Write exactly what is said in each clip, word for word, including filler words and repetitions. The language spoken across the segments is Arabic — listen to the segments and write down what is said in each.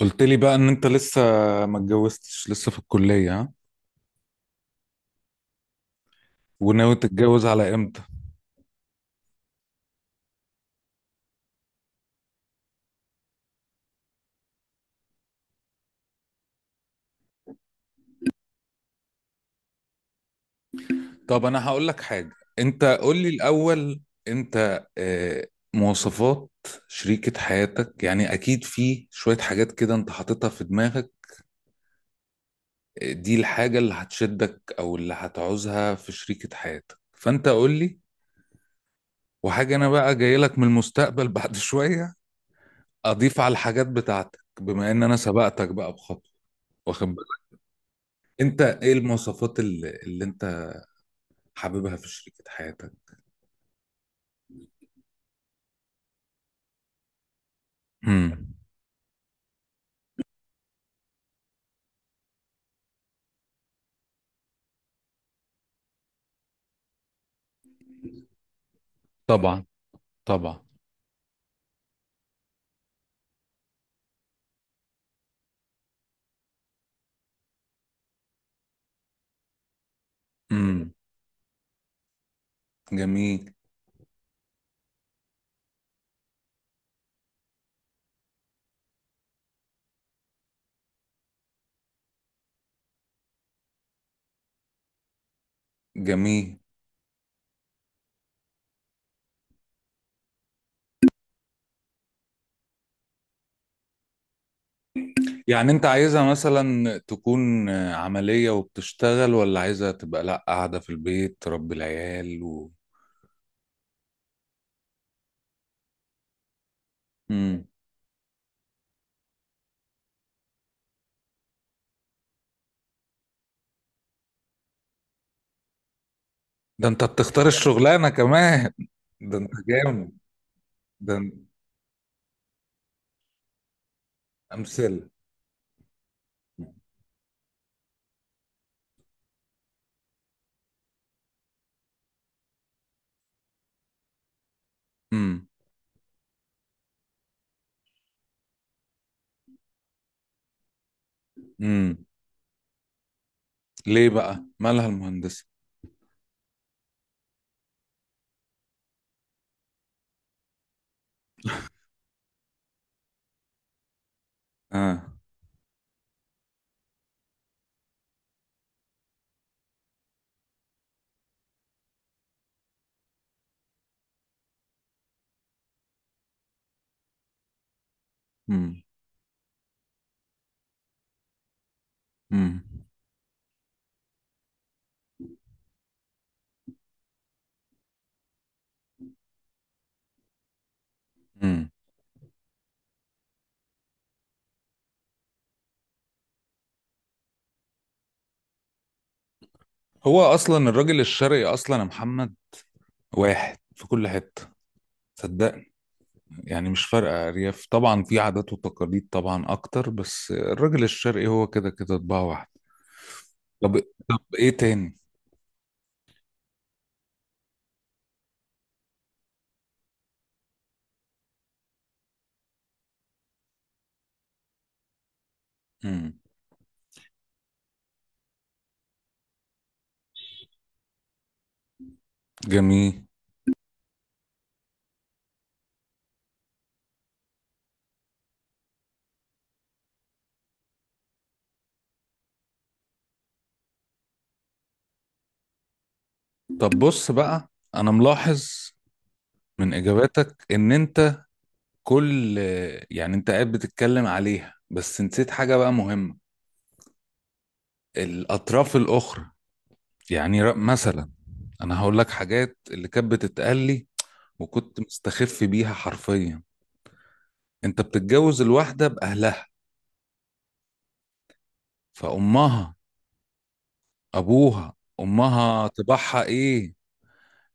قلت لي بقى ان انت لسه ما اتجوزتش لسه في الكلية، ها؟ وناوي تتجوز على امتى؟ طب انا هقول لك حاجة. انت قول لي الاول. انت آه، مواصفات شريكة حياتك، يعني اكيد في شوية حاجات كده انت حاططها في دماغك. آه، دي الحاجة اللي هتشدك او اللي هتعوزها في شريكة حياتك، فانت قول لي. وحاجة انا بقى جاي لك من المستقبل بعد شوية اضيف على الحاجات بتاعتك، بما ان انا سبقتك بقى بخطوة. واخد بالك؟ انت ايه المواصفات اللي, اللي انت حاببها في شريكة حياتك؟ امم. طبعا طبعا. امم. جميل جميل. يعني انت عايزها مثلا تكون عملية وبتشتغل، ولا عايزها تبقى لا قاعدة في البيت تربي العيال و... مم. ده انت بتختار الشغلانة كمان؟ ده انت جامد. ده انت امثلة. امم. امم. ليه بقى مالها المهندسة؟ اه. امم. امم. امم. هو اصلا الراجل الشرقي اصلا يا محمد، واحد في كل حتة. صدقني، يعني مش فارقة أرياف، طبعا في عادات وتقاليد طبعا أكتر، بس الراجل الشرقي هو كده كده طباع واحد. طب إيه، طب إيه تاني؟ مم. جميل. طب بص بقى، أنا ملاحظ من إجاباتك إن أنت كل يعني أنت قاعد بتتكلم عليها بس نسيت حاجة بقى مهمة. الأطراف الأخرى، يعني ر- مثلا أنا هقول لك حاجات اللي كانت بتتقال لي وكنت مستخف بيها حرفيا. أنت بتتجوز الواحدة بأهلها، فأمها، ابوها، امها، طباعها ايه؟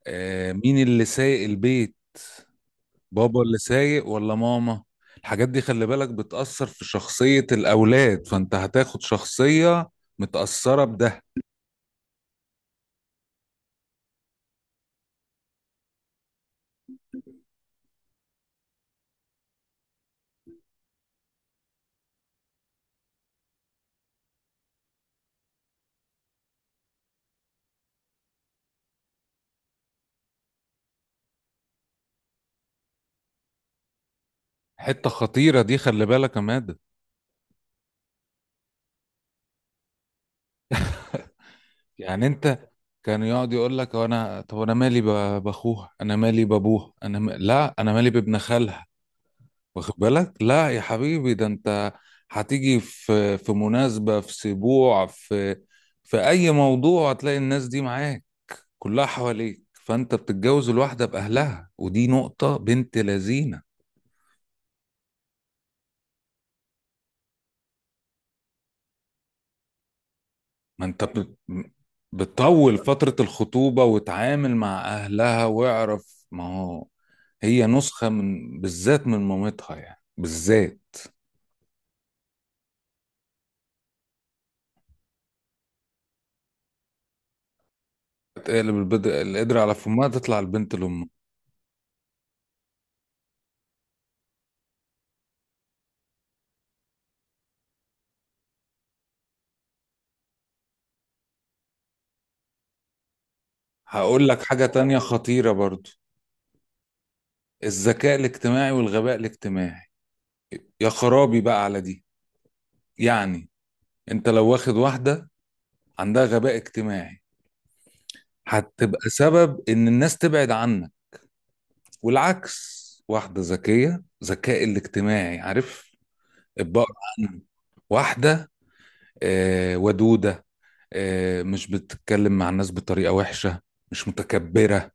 آه مين اللي سايق البيت؟ بابا اللي سايق ولا ماما؟ الحاجات دي خلي بالك بتأثر في شخصية الأولاد، فأنت هتاخد شخصية متأثرة بده. حتة خطيرة دي، خلي بالك يا مادة. يعني أنت كان يقعد يقول لك أنا، طب أنا مالي ب- بأخوها، أنا مالي بأبوها، أنا م... لا أنا مالي بابن خالها. واخد بالك؟ لا يا حبيبي، ده انت هتيجي في في مناسبة، في سبوع، في في اي موضوع، هتلاقي الناس دي معاك كلها حواليك، فانت بتتجوز الواحدة باهلها. ودي نقطة بنت لذينة. ما انت بت- بتطول فترة الخطوبة وتعامل مع اهلها واعرف ما هو، هي نسخة من بالذات من مامتها، يعني بالذات. تقلب البدر القدر على فمها تطلع البنت لامها. هقول لك حاجة تانية خطيرة برضو. الذكاء الاجتماعي والغباء الاجتماعي، يا خرابي بقى على دي. يعني انت لو واخد واحدة عندها غباء اجتماعي، هتبقى سبب ان الناس تبعد عنك. والعكس، واحدة ذكية ذكاء الاجتماعي، عارف. ابقى عنه. واحدة آه ودودة، آه مش بتتكلم مع الناس بطريقة وحشة، مش متكبرة،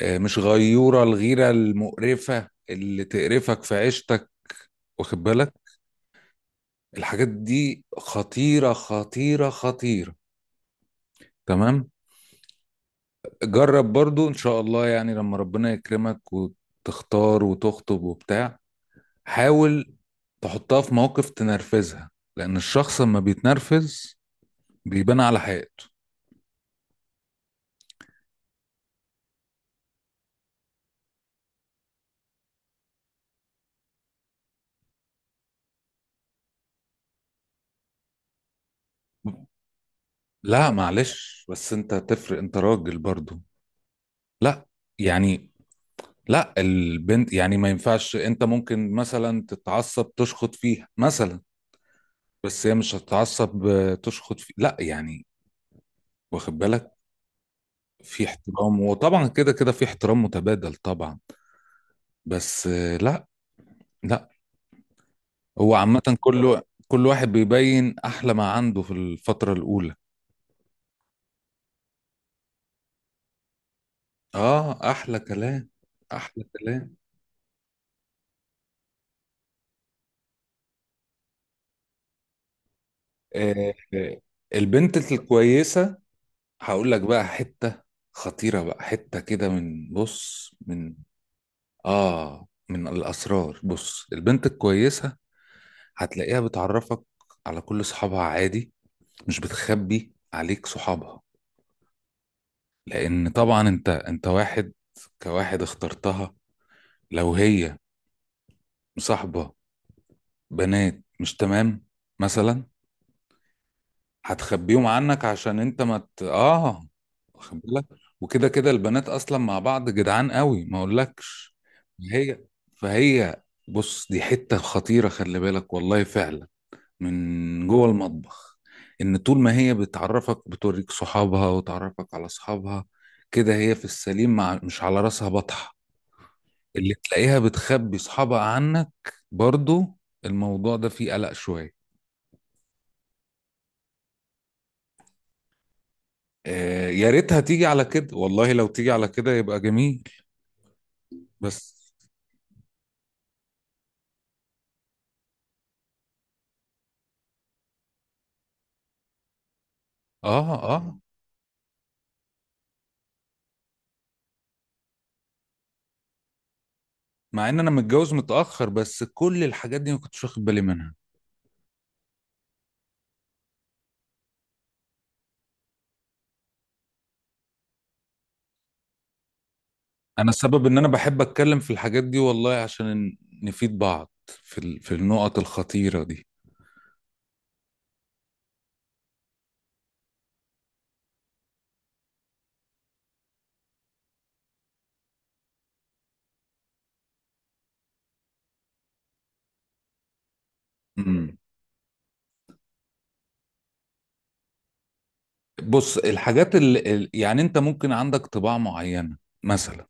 آه مش غيورة الغيرة المقرفة اللي تقرفك في عيشتك. واخد بالك؟ الحاجات دي خطيرة خطيرة خطيرة. تمام. جرب برضو ان شاء الله، يعني لما ربنا يكرمك وتختار وتخطب وبتاع، حاول تحطها في موقف تنرفزها. لان الشخص لما بيتنرفز بيبان على حقيقته. لا معلش بس انت تفرق، انت راجل برضو. لا يعني، لا البنت يعني ما ينفعش. انت ممكن مثلا تتعصب تشخط فيها مثلا، بس هي مش هتتعصب آه، تشخط فيه، لا يعني. واخد بالك؟ في احترام، وطبعا كده كده في احترام متبادل طبعا. بس آه، لا، لا. هو عامة كله كل واحد بيبين أحلى ما عنده في الفترة الأولى. آه أحلى كلام. أحلى كلام. آه آه، البنت الكويسة. هقول لك بقى حتة خطيرة، بقى حتة كده، من بص من آه من الأسرار. بص، البنت الكويسة هتلاقيها بتعرفك على كل صحابها عادي، مش بتخبي عليك صحابها. لان طبعا انت انت واحد، كواحد اخترتها. لو هي مصاحبه بنات مش تمام مثلا، هتخبيهم عنك عشان انت ما مت... اه واخد بالك؟ وكده كده البنات اصلا مع بعض جدعان قوي ما اقولكش. هي فهي بص، دي حته خطيره خلي بالك والله فعلا، من جوه المطبخ. ان طول ما هي بتعرفك بتوريك صحابها وتعرفك على اصحابها، كده هي في السليم، مع مش على راسها بطحه. اللي تلاقيها بتخبي صحابها عنك برضو، الموضوع ده فيه قلق شوية. آه يا ريتها تيجي على كده، والله لو تيجي على كده يبقى جميل. بس. اه. اه. مع ان انا متجوز متأخر بس كل الحاجات دي ما كنتش واخد بالي منها. انا السبب ان انا بحب اتكلم في الحاجات دي والله، عشان نفيد بعض في ال- في النقط الخطيرة دي. مم. بص، الحاجات اللي يعني انت ممكن عندك طباع معينة مثلا.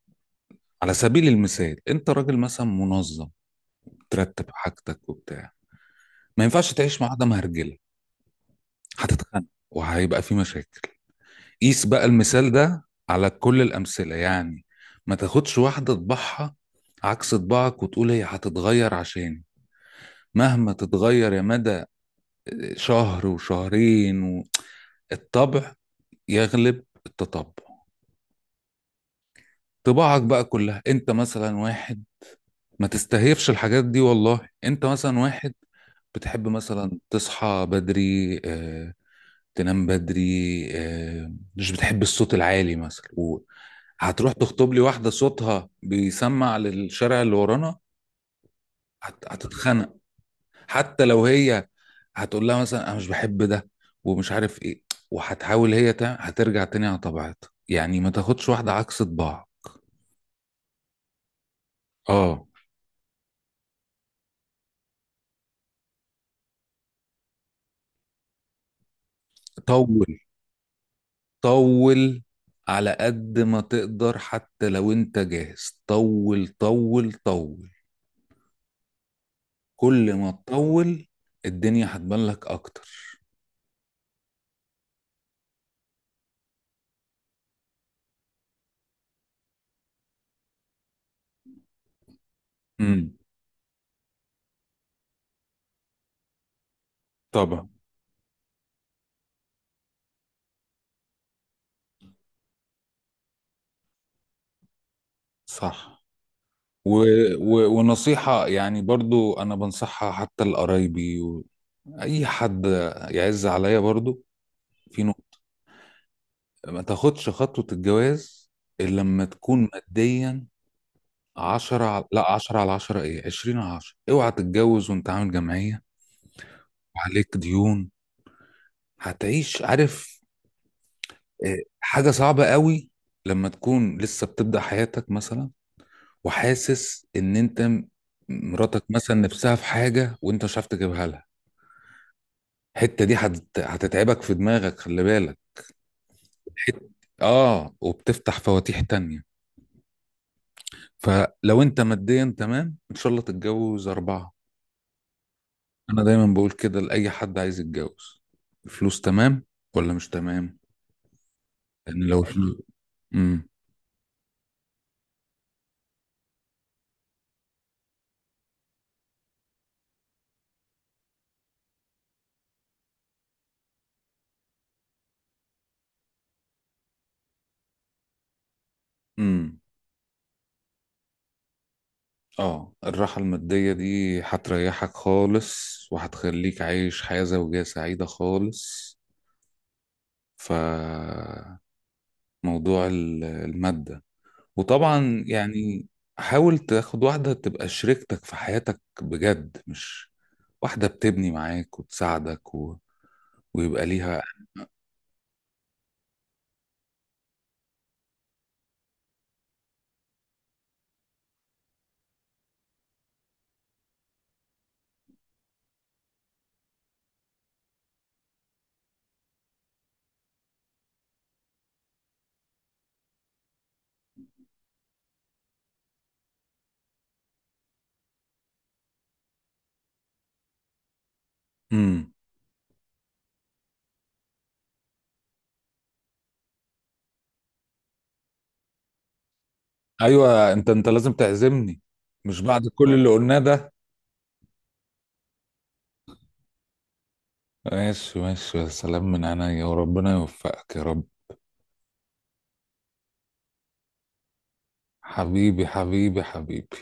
على سبيل المثال انت راجل مثلا منظم، ترتب حاجتك وبتاع، ما ينفعش تعيش مع واحده مهرجله. هتتخانق وهيبقى في مشاكل. قيس بقى المثال ده على كل الامثله يعني. ما تاخدش واحده طباعها عكس طباعك وتقول هي هتتغير، عشان مهما تتغير يا مدى، شهر وشهرين و... الطبع يغلب التطبع. طباعك بقى كلها، انت مثلا واحد، ما تستهيفش الحاجات دي والله. انت مثلا واحد بتحب مثلا تصحى بدري، آه، تنام بدري، آه، مش بتحب الصوت العالي مثلا، وهتروح تخطب لي واحدة صوتها بيسمع للشارع اللي ورانا، هت- هتتخنق. حتى لو هي هتقول لها مثلا انا مش بحب ده ومش عارف ايه، وهتحاول هي تع- هترجع تاني على طبيعتها. يعني ما تاخدش واحدة عكس طباع. اه. طول. طول. على قد ما تقدر، حتى لو انت جاهز، طول طول طول. كل ما تطول، الدنيا هتبان لك اكتر. امم. طبعا. صح. و... و... ونصيحة يعني برضو، انا بنصحها حتى لقرايبي واي حد يعز عليا برضو، في نقطة. ما تاخدش خطوة الجواز الا لما تكون ماديا عشرة على... لا، عشرة على عشرة، ايه، عشرين على عشرة. اوعى تتجوز وانت عامل جمعية وعليك ديون. هتعيش عارف. آه، حاجة صعبة قوي لما تكون لسه بتبدأ حياتك مثلا، وحاسس ان انت م- مراتك مثلا نفسها في حاجة وانت مش عارف تجيبها لها. الحتة دي هتت- هتتعبك في دماغك، خلي بالك. الحت... اه وبتفتح فواتيح تانية. فلو انت ماديا تمام ان شاء الله تتجوز أربعة. انا دايما بقول كده لأي حد عايز يتجوز. الفلوس تمام ولا مش تمام؟ لأن لو الفلوس امم اه الراحة المادية دي هتريحك خالص، وهتخليك عايش حياة زوجية سعيدة خالص. فموضوع ال- المادة، وطبعا يعني، حاول تاخد واحدة تبقى شريكتك في حياتك بجد، مش واحدة بتبني معاك وتساعدك و... ويبقى ليها. امم. ايوه، انت انت لازم تعزمني، مش بعد كل اللي قلناه ده؟ ماشي ماشي، يا سلام، من عينيا وربنا يوفقك يا رب. حبيبي حبيبي حبيبي.